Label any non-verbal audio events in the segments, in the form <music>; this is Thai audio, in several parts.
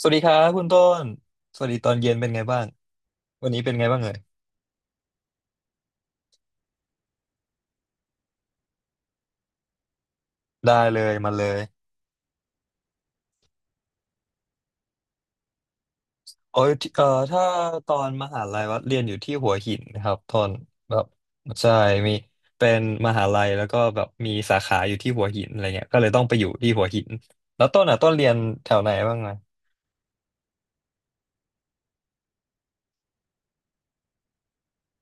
สวัสดีครับคุณต้นสวัสดีตอนเย็นเป็นไงบ้างวันนี้เป็นไงบ้างเอ่ยได้เลยมาเลยโอ้ยที่ถ้าตอนมหาลัยวัดเรียนอยู่ที่หัวหินนะครับตอนแบบใช่มีเป็นมหาลัยแล้วก็แบบมีสาขาอยู่ที่หัวหินอะไรเงี้ยก็เลยต้องไปอยู่ที่หัวหินแล้วต้นอ่ะต้นเรียนแถวไหนบ้างไง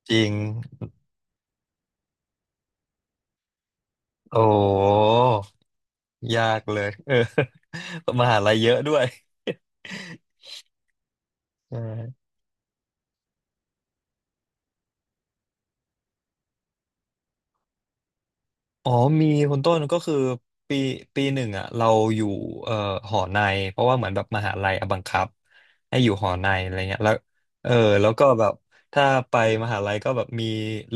จริงโอ้ยากเลยเออ <laughs> มหาลัยเยอะด้วยใช่ อ๋อมีคุณต้นก็คือปีปีหนึ่งอ่ะเราอยู่เอ่อหอในเพราะว่าเหมือนแบบมหาลัยอะบังคับให้อยู่หอในอะไรเงี้ยแล้วเออแล้วก็แบบถ้าไปมหาลัยก็แบบมี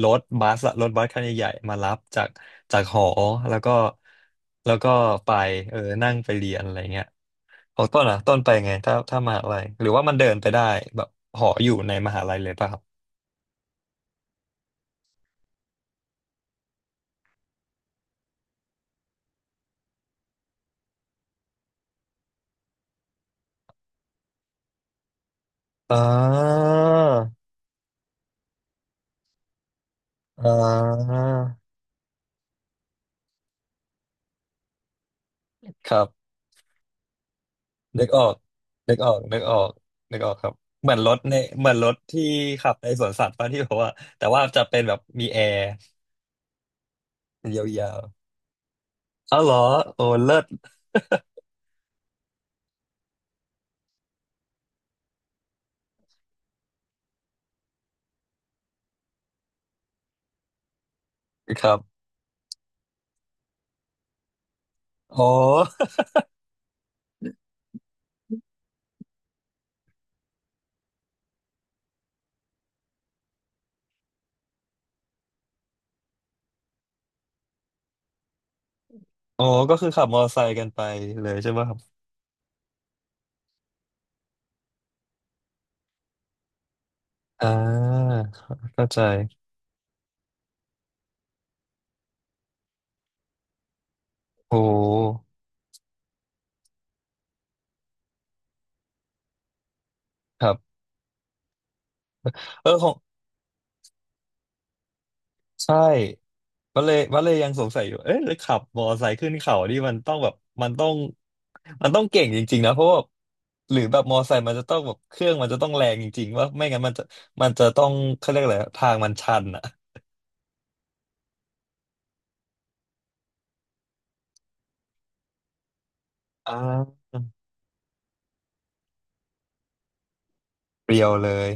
รถบัสอะรถบัสคันใหญ่ๆมารับจากจากหอแล้วก็แล้วก็ไปเออนั่งไปเรียนอะไรเงี้ยของต้นอ่ะต้นไปไงถ้ามหาลัยหรือว่ามันเดินไปได้แบบหออยู่ในมหาลัยเลยป่ะครับอ่าอ่าครับ นึกออกนึกออกนึกออกครับเหมือนรถในเหมือนรถที่ขับในสวนสัตว์ป่ะที่บอกว่าแต่ว่าจะเป็นแบบมีแอร์ยาวๆอ้าวเหรอ โอ้เลิศ <laughs> ครับอ๋ออ๋อก็คือขับมอเตอร์ไซค์กันไปเลยใช่ไหมครับอ่าเข้าใจ โอ้ ครับ เออของ ใช่วัดเลยวัดเลยยังสงสัยอยู่ เอ๊ะแล้วขับมอเตอร์ไซค์ขึ้นเขานี่มันต้องแบบมันต้องมันต้องเก่งจริงๆนะ เพราะว่า หรือแบบมอเตอร์ไซค์มันจะต้องแบบเครื่องมันจะต้องแรงจริงๆว่าไม่งั้นมันจะมันจะต้องเขาเรียกอะไรอะทางมันชันอ่ะอ่าเปรียวเลย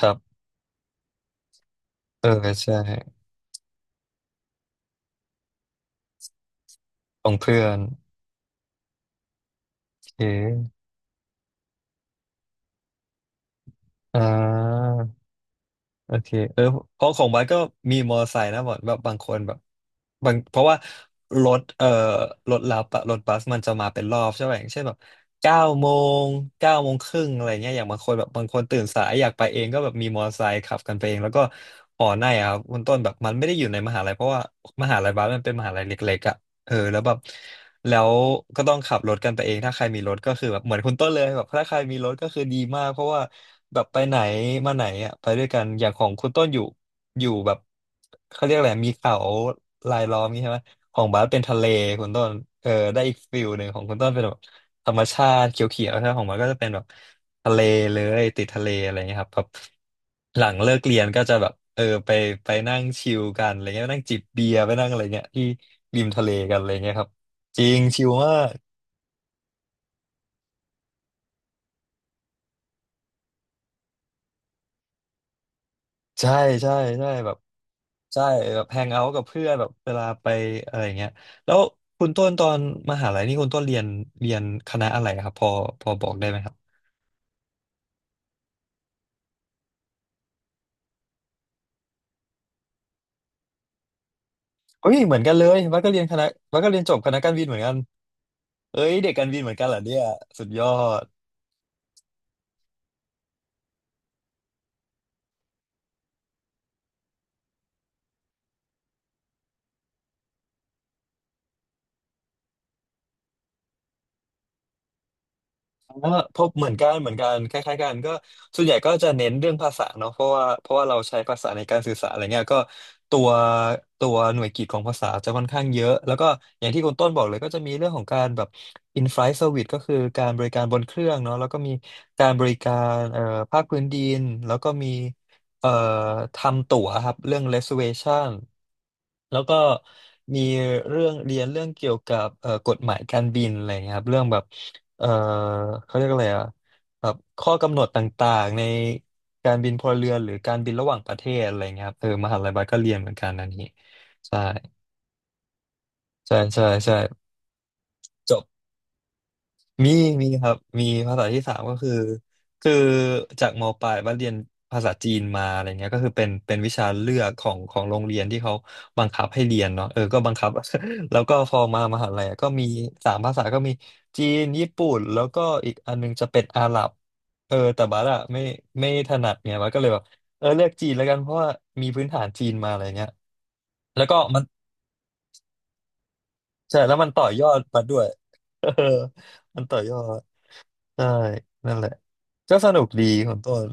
ครับ เออใช่ของเพื่อนโอเคอ่า โอเคเออเพราะของบัสก็มีมอเตอร์ไซค์นะแบอแบบบางคนแบบบางเพราะว่ารถรถรับอะรถบัสมันจะมาเป็นรอบใช่ไหมอย่างเช่นแบบเก้าโมงเก้าโมงครึ่งอะไรเงี้ยอย่างบางคนแบบบางคนตื่นสายอยากไปเองก็แบบมีมอเตอร์ไซค์ขับกันไปเอง แล้วก็หอในอะครับคุณต้นแบบมันไม่ได้อยู่ในมหาลัยเพราะว่ามหาลัยบัสมันเป็นมหาลัยเล็กๆอะ เออแล้วแบบแล้วก็ต้องขับรถกันไปเองถ้าใครมีรถก็คือแบบเหมือนคุณต้นเลยแบบถ้าใครมีรถก็คือดีมากเพราะว่าแบบไปไหนมาไหนอ่ะไปด้วยกันอย่างของคุณต้นอยู่แบบเขาเรียกอะไรมีเขารายล้อมงี้ใช่ไหมของบาสเป็นทะเลคุณต้นเออได้อีกฟิลหนึ่งของคุณต้นเป็นแบบธรรมชาติเขียวๆใช่ไหมของบาสก็จะเป็นแบบ ทะเลเลยติดทะเลอะไรเงี้ยครับแบบหลังเลิกเรียนก็จะแบบเออไปไปนั่งชิลกันอะไรเงี้ยไปนั่งจิบเบียร์ไปนั่งอะไรเงี้ยที่ริมทะเลกันอะไรเงี้ยครับจริงชิลมากใช่ใช่ใช่แบบใช่แบบแฮงเอาท์กับเพื่อนแบบเวลาไปอะไรเงี้ยแล้วคุณต้นตอนมหาลัยนี่คุณต้นเรียนเรียนคณะอะไรครับพอบอกได้ไหมครับเฮ้ยเหมือนกันเลยวัดก็เรียนคณะวัดก็เรียนจบคณะการบินเหมือนกันเอ้ยเด็กการบินเหมือนกันเหรอเนี่ยสุดยอด เออพบเหมือนกันเหมือนกันคล้ายๆกันก็ส่วนใหญ่ก็จะเน้นเรื่องภาษาเนาะเพราะว่าเราใช้ภาษาในการสื่อสารอะไรเงี้ยก็ตัวตัวหน่วยกิตของภาษาจะค่อนข้างเยอะแล้วก็อย่างที่คุณต้นบอกเลยก็จะมีเรื่องของการแบบ in-flight service ก็คือการบริการบนเครื่องเนาะแล้วก็มีการบริการภาคพื้นดินแล้วก็มี เอ่อทำตั๋วครับเรื่อง reservation แล้วก็มีเรื่องเรียนเรื่องเกี่ยวกับกฎหมายการบินอะไรเงี้ยครับเรื่องแบบเอ่อเขาเรียกอะไรอะแบบข้อกำหนดต่างๆในการบินพลเรือนหรือการบินระหว่างประเทศอะไรเงี้ยครับเออมหาลัยบัสก็เรียนเหมือนกันอันนี้ใช่ใช่จบ มีมีครับมีภาษาที่สามก็คือคือจากมปลายว่าเรียนภาษาจีนมาอะไรเงี้ยก็คือเป็นวิชาเลือกของโรงเรียนที่เขาบังคับให้เรียนเนาะเออก็บังคับ <laughs> แล้วก็พอมามหาลัยอะก็มีสามภาษาก็มีจีนญี่ปุ่นแล้วก็อีกอันนึงจะเป็นอาหรับเออแต่บัสอะไม่ถนัดเนี่ยบัสก็เลยแบบเออเลือกจีนแล้วกันเพราะว่ามีพื้นฐานจีนมาอะไรเงี้ยแล้วก็มันใช่แล้วมันต่อยอดบัสด้วย <laughs> เออมันต่อยอด ใช่นั่นแหละก็สนุกดีของต้น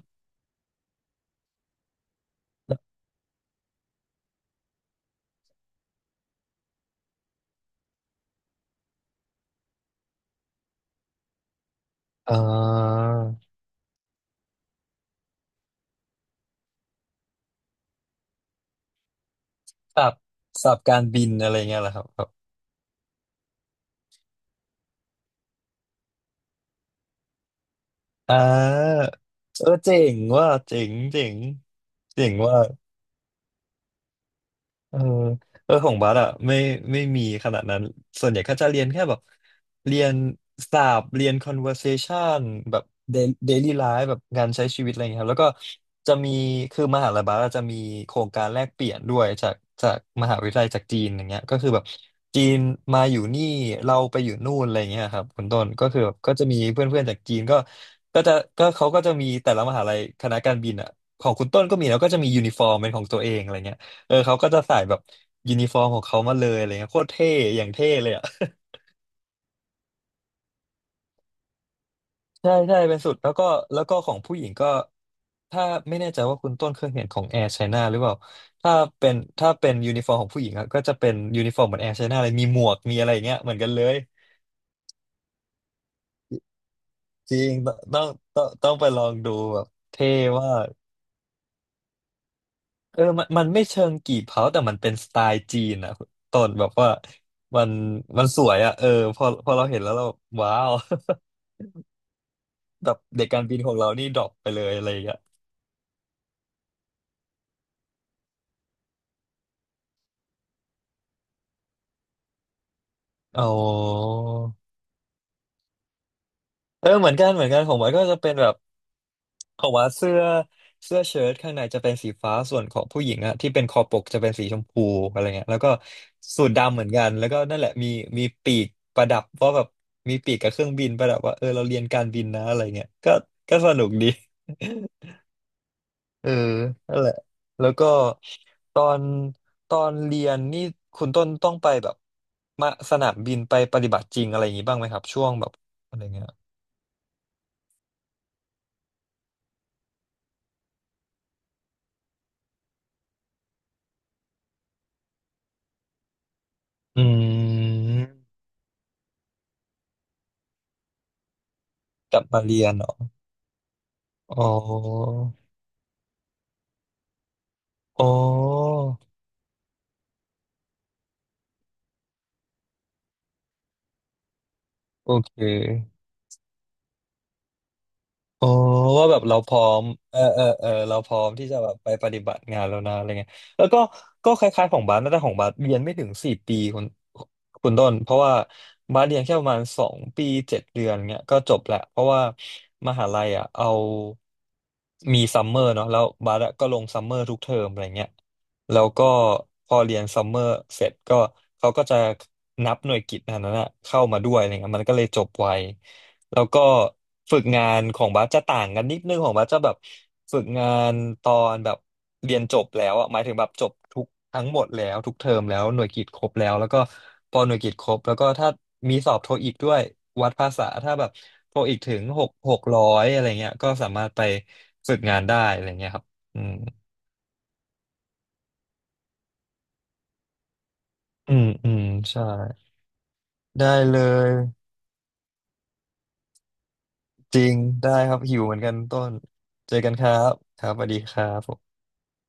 อ่าสับสับการบินอะไรเงี้ยแหละครับครับอ่าเออเจ๋งว่าเจ๋งว่า เออเออของบัสอะไม่มีขนาดนั้น ส่วนใหญ่ก็จะเรียนแค่แบบเรียนศัพท์เรียน conversation แบบ daily life แบบงานใช้ชีวิตอะไรอย่างเงี้ยครับแล้วก็จะมีคือมหาลัยบัสอะจะมีโครงการแลกเปลี่ยนด้วยจากมหาวิทยาลัยจากจีนอย่างเงี้ยก็คือแบบจีนมาอยู่นี่เราไปอยู่นู่นอะไรอย่างเงี้ยครับคุณต้นก็คือแบบก็จะมีเพื่อนๆจากจีนก็ก็จะเขาก็จะมีแต่ละมหาลัยคณะการบินอะของคุณต้นก็มีแล้วก็จะมียูนิฟอร์มเป็นของตัวเองอะไรเงี้ย เออเขาก็จะใส่แบบยูนิฟอร์มของเขามาเลยอะไรเงี้ยโคตรเท่อย่างเท่เลยอ่ะ <laughs> ใช่ใช่เป็นสุดแล้วก็แล้วก็ของผู้หญิงก็ถ้าไม่แน่ใจว่าคุณต้นเคยเห็นของแอร์ไชน่าหรือเปล่าถ้าเป็นถ้าเป็นยูนิฟอร์มของผู้หญิงอะก็จะเป็นยูนิฟอร์มเหมือนแอร์ไชน่าเลยมีหมวกมีอะไรอย่างเงี้ยเหมือนกันเลยจริงต้องต้องไปลองดูแบบเท่ว่ากเออมันไม่เชิงกี่เผาแต่มันเป็นสไตล์จีนอะคุณต้นแบบว่ามันมันสวยอะเออพอเราเห็นแล้วเราว้าว แบบเด็กการบินของเรานี่ดรอปไปเลยอะไรอย่างเงี้ยอ๋อเออเหมือนกันเหมือนกันของวัดก็จะเป็นแบบของวัดเสื้อเสื้อเชิ้ตข้างในจะเป็นสีฟ้าส่วนของผู้หญิงอะที่เป็นคอปกจะเป็นสีชมพูอะไรเงี้ยแล้วก็สูทดำเหมือนกันแล้วก็นั่นแหละมีมีปีกประดับว่าแบบมีปีกกับเครื่องบินประดับว่าเออเราเรียนการบินนะอะไรเงี้ยก็ก็สนุกดี เออนั่นแหละแล้วก็ตอนตอนเรียนนี่คุณต้นต้องไปแบบมาสนามบินไปปฏิบัติจริงอะไรอย่างนี้บ้างไหมครับช่วงแบบอะไรเงี้ยอืมกลับมาเรียนเหรออ๋ออ๋อโอเค อ๋อว่าแบบเราพร้อมเออเออเออเราพร้อมที่จะแบบไปปฏิบัติงานแล้วนะอะไรเงี้ยแล้วก็ก็คล้ายๆของบาสนะแต่ของบาสเรียนไม่ถึง4 ปีคุณต้นเพราะว่าบาสเรียนแค่ประมาณ2 ปี7 เดือนเงี้ยก็จบแหละ เพราะว่ามหาลัยอ่ะเอามีซัมเมอร์เนาะแล้วบาสอะก็ลงซัมเมอร์ทุกเทอมอะไรเงี้ยแล้วก็พอเรียนซัมเมอร์เสร็จก็ เขาก็จะนับหน่วยกิตอันนั้นอะเข้ามาด้วยอะไรเงี้ยมันก็เลยจบไว แล้วก็ฝึกงานของบัสจะต่างกันนิดนึงของบัสจะแบบฝึกงานตอนแบบเรียนจบแล้วอะหมายถึงแบบจบทั้งหมดแล้วทุกเทอมแล้วหน่วยกิตครบแล้วแล้วก็พอหน่วยกิตครบแล้วก็ถ้ามีสอบโทอีกด้วยวัดภาษาถ้าแบบโทอีกถึงหกร้อยอะไรเงี้ยก็สามารถไปฝึกงานได้อะไรเงี้ยครับอืมอืมอืมใช่ได้เลยจริงได้ครับหิวเหมือนกันต้นเจอกันครับครับสวัสดีครับผม